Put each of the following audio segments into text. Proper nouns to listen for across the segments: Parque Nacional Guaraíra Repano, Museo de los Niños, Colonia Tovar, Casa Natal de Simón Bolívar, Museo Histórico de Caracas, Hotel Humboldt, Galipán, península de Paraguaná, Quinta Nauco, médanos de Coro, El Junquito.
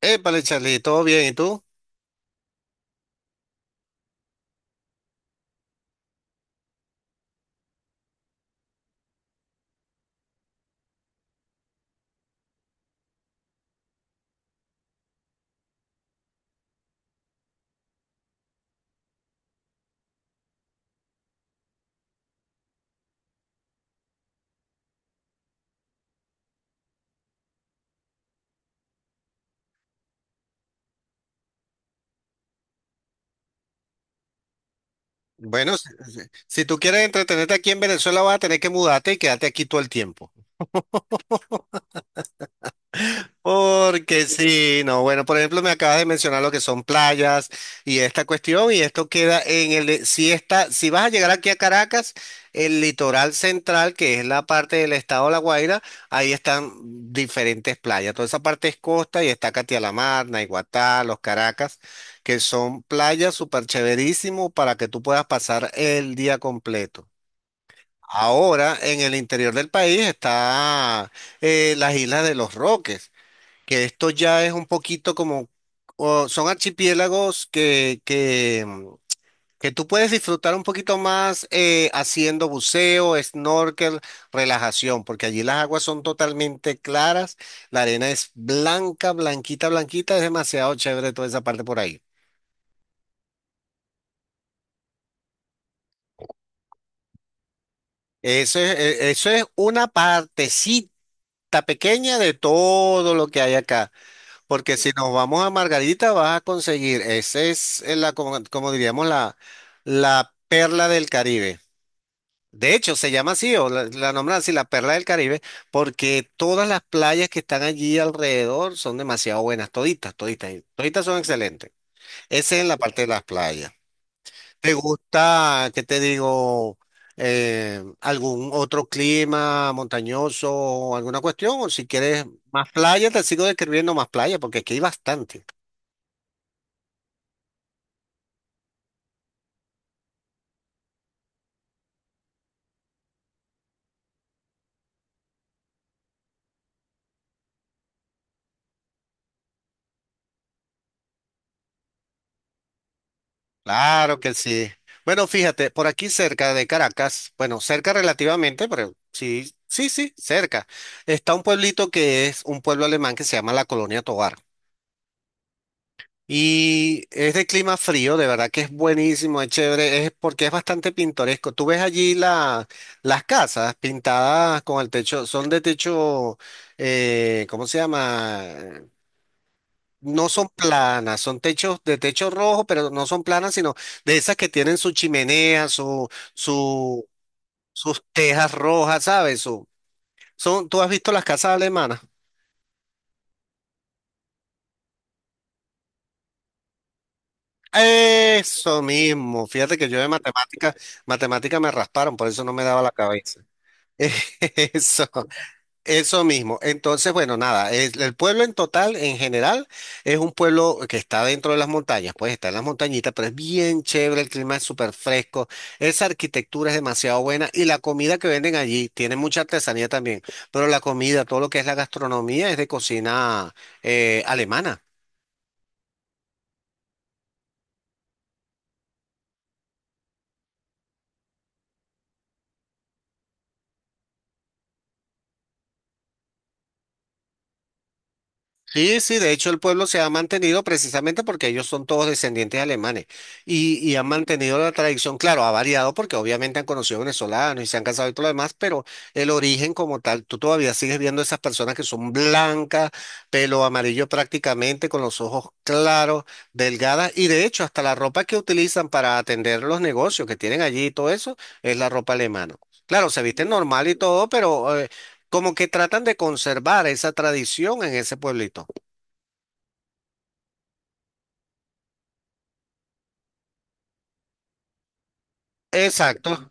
Épale, Charlie, ¿todo bien? ¿Y tú? Bueno, si tú quieres entretenerte aquí en Venezuela, vas a tener que mudarte y quedarte aquí todo el tiempo. Porque sí, no, bueno, por ejemplo, me acabas de mencionar lo que son playas y esta cuestión, y esto queda en si está, si vas a llegar aquí a Caracas, el litoral central, que es la parte del estado de La Guaira, ahí están diferentes playas. Toda esa parte es costa y está Catia la Mar, Naiguatá, Los Caracas, que son playas súper chéverísimo para que tú puedas pasar el día completo. Ahora, en el interior del país está las Islas de los Roques, que esto ya es un poquito como, o son archipiélagos que que tú puedes disfrutar un poquito más, haciendo buceo, snorkel, relajación, porque allí las aguas son totalmente claras, la arena es blanca, blanquita, blanquita, es demasiado chévere toda esa parte por ahí. Eso es, eso es una partecita pequeña de todo lo que hay acá. Porque si nos vamos a Margarita, vas a conseguir, esa es la, como, como diríamos, la perla del Caribe. De hecho, se llama así, o la nombran así, la perla del Caribe, porque todas las playas que están allí alrededor son demasiado buenas, toditas, toditas, y toditas son excelentes. Esa es en la parte de las playas. ¿Te gusta, qué te digo, algún otro clima montañoso, o alguna cuestión? O si quieres más playa, te sigo describiendo más playa, porque aquí hay bastante. Claro que sí. Bueno, fíjate, por aquí cerca de Caracas, bueno, cerca relativamente, pero sí, sí, sí, cerca, está un pueblito que es un pueblo alemán que se llama la Colonia Tovar. Y es de clima frío, de verdad que es buenísimo, es chévere, es porque es bastante pintoresco. Tú ves allí la, las casas pintadas con el techo, son de techo, ¿cómo se llama? No son planas, son techos de techo rojo, pero no son planas, sino de esas que tienen su chimenea, su, sus tejas rojas, ¿sabes? Son, ¿tú has visto las casas alemanas? Eso mismo. Fíjate que yo de matemática, matemática me rasparon, por eso no me daba la cabeza. Eso. Eso mismo. Entonces, bueno, nada, el pueblo en total, en general, es un pueblo que está dentro de las montañas, pues está en las montañitas, pero es bien chévere, el clima es súper fresco, esa arquitectura es demasiado buena y la comida que venden allí tiene mucha artesanía también, pero la comida, todo lo que es la gastronomía es de cocina alemana. Sí, sí, de hecho el pueblo se ha mantenido precisamente porque ellos son todos descendientes alemanes y han mantenido la tradición, claro, ha variado porque obviamente han conocido venezolanos y se han casado y todo lo demás, pero el origen como tal, tú todavía sigues viendo esas personas que son blancas, pelo amarillo prácticamente, con los ojos claros, delgadas y de hecho hasta la ropa que utilizan para atender los negocios que tienen allí y todo eso es la ropa alemana. Claro, se visten normal y todo, pero como que tratan de conservar esa tradición en ese pueblito. Exacto,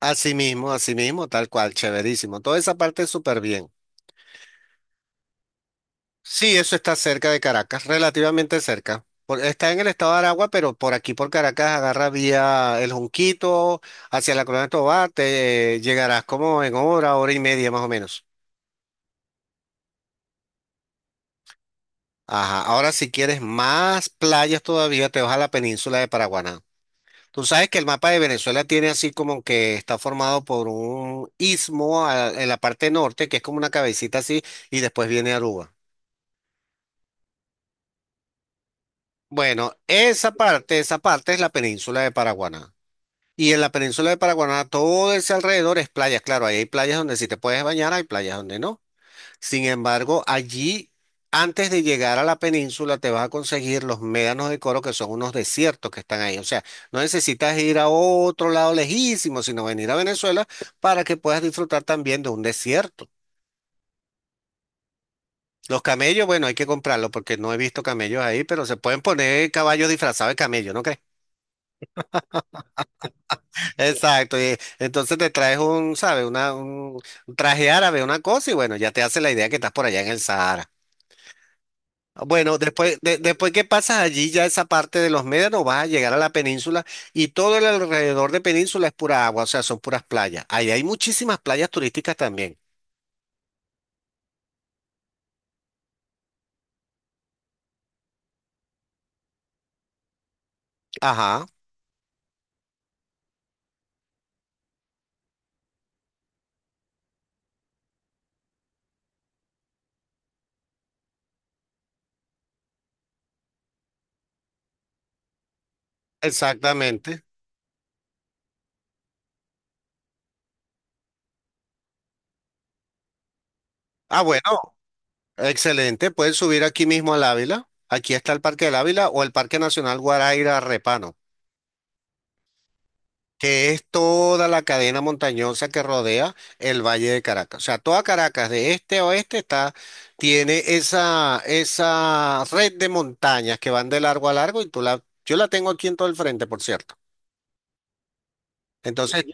así mismo, tal cual, chéverísimo. Toda esa parte es súper bien. Sí, eso está cerca de Caracas, relativamente cerca. Está en el estado de Aragua, pero por aquí, por Caracas, agarra vía El Junquito, hacia la Colonia de Tovar, te llegarás como en hora, hora y media más o menos. Ajá, ahora si quieres más playas todavía, te vas a la península de Paraguaná. Tú sabes que el mapa de Venezuela tiene así como que está formado por un istmo en la parte norte, que es como una cabecita así, y después viene Aruba. Bueno, esa parte es la península de Paraguaná. Y en la península de Paraguaná todo ese alrededor es playas. Claro, ahí hay playas donde sí te puedes bañar, hay playas donde no. Sin embargo, allí, antes de llegar a la península, te vas a conseguir los médanos de Coro, que son unos desiertos que están ahí. O sea, no necesitas ir a otro lado lejísimo, sino venir a Venezuela para que puedas disfrutar también de un desierto. Los camellos, bueno, hay que comprarlos porque no he visto camellos ahí, pero se pueden poner caballos disfrazados de camello, ¿no crees? Exacto. Y entonces te traes un, ¿sabes? Una, un traje árabe, una cosa, y bueno, ya te hace la idea que estás por allá en el Sahara. Bueno, después, después que pasas allí, ya esa parte de los médanos, vas a llegar a la península y todo el alrededor de península es pura agua, o sea, son puras playas. Ahí hay muchísimas playas turísticas también. Ajá, exactamente. Ah, bueno, excelente. Pueden subir aquí mismo al Ávila. Aquí está el Parque del Ávila o el Parque Nacional Guaraíra Repano, que es toda la cadena montañosa que rodea el Valle de Caracas. O sea, toda Caracas, de este a oeste, está, tiene esa, esa red de montañas que van de largo a largo y tú la, yo la tengo aquí en todo el frente, por cierto. Entonces,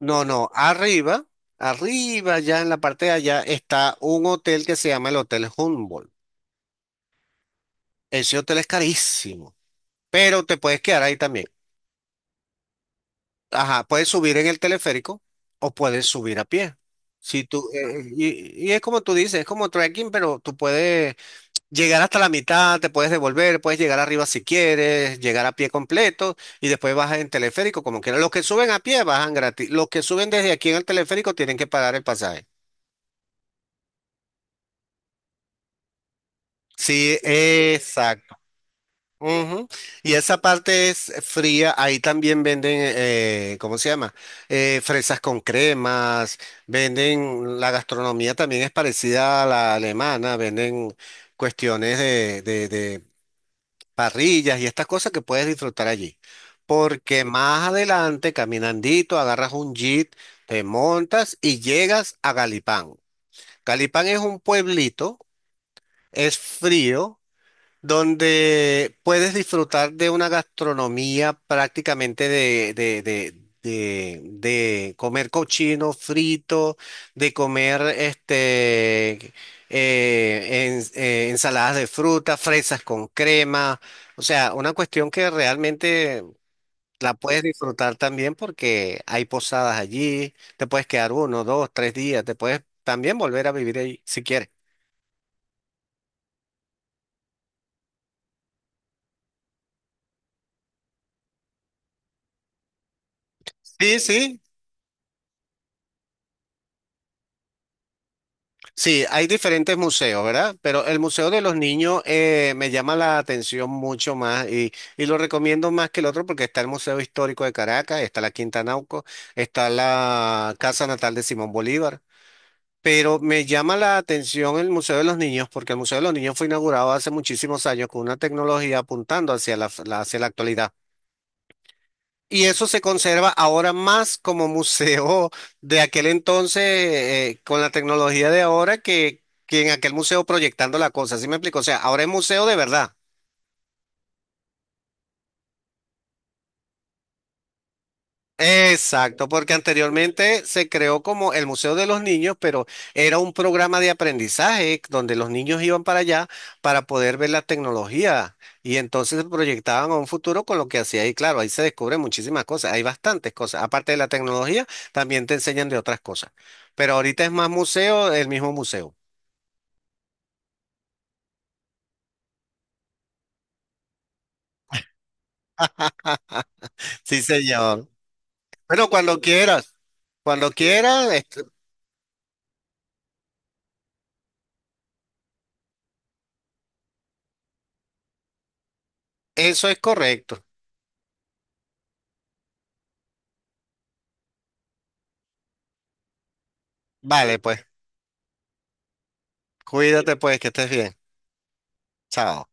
no, no, arriba, arriba, ya en la parte de allá, está un hotel que se llama el Hotel Humboldt. Ese hotel es carísimo, pero te puedes quedar ahí también. Ajá, puedes subir en el teleférico o puedes subir a pie. Si tú, y es como tú dices, es como trekking, pero tú puedes llegar hasta la mitad, te puedes devolver, puedes llegar arriba si quieres, llegar a pie completo y después bajas en teleférico como quieras. Los que suben a pie bajan gratis. Los que suben desde aquí en el teleférico tienen que pagar el pasaje. Sí, exacto. Ujú. Y esa parte es fría, ahí también venden, ¿cómo se llama? Fresas con cremas, venden, la gastronomía también es parecida a la alemana, venden cuestiones de parrillas y estas cosas que puedes disfrutar allí. Porque más adelante, caminandito, agarras un jeep, te montas y llegas a Galipán. Galipán es un pueblito, es frío donde puedes disfrutar de una gastronomía prácticamente de comer cochino frito, de comer este, ensaladas de fruta, fresas con crema, o sea, una cuestión que realmente la puedes disfrutar también porque hay posadas allí, te puedes quedar uno, dos, tres días, te puedes también volver a vivir ahí si quieres. Sí, sí, sí, hay diferentes museos, ¿verdad? Pero el Museo de los Niños, me llama la atención mucho más y lo recomiendo más que el otro porque está el Museo Histórico de Caracas, está la Quinta Nauco, está la Casa Natal de Simón Bolívar. Pero me llama la atención el Museo de los Niños porque el Museo de los Niños fue inaugurado hace muchísimos años con una tecnología apuntando hacia hacia la actualidad. Y eso se conserva ahora más como museo de aquel entonces, con la tecnología de ahora, que en aquel museo proyectando la cosa. ¿Sí me explico? O sea, ahora es museo de verdad. Exacto, porque anteriormente se creó como el Museo de los Niños, pero era un programa de aprendizaje donde los niños iban para allá para poder ver la tecnología y entonces se proyectaban a un futuro con lo que hacía y claro, ahí se descubren muchísimas cosas, hay bastantes cosas, aparte de la tecnología, también te enseñan de otras cosas, pero ahorita es más museo, el mismo museo. Sí, señor. Bueno, cuando quieras, este, eso es correcto. Vale, pues, cuídate pues, que estés bien. Chao.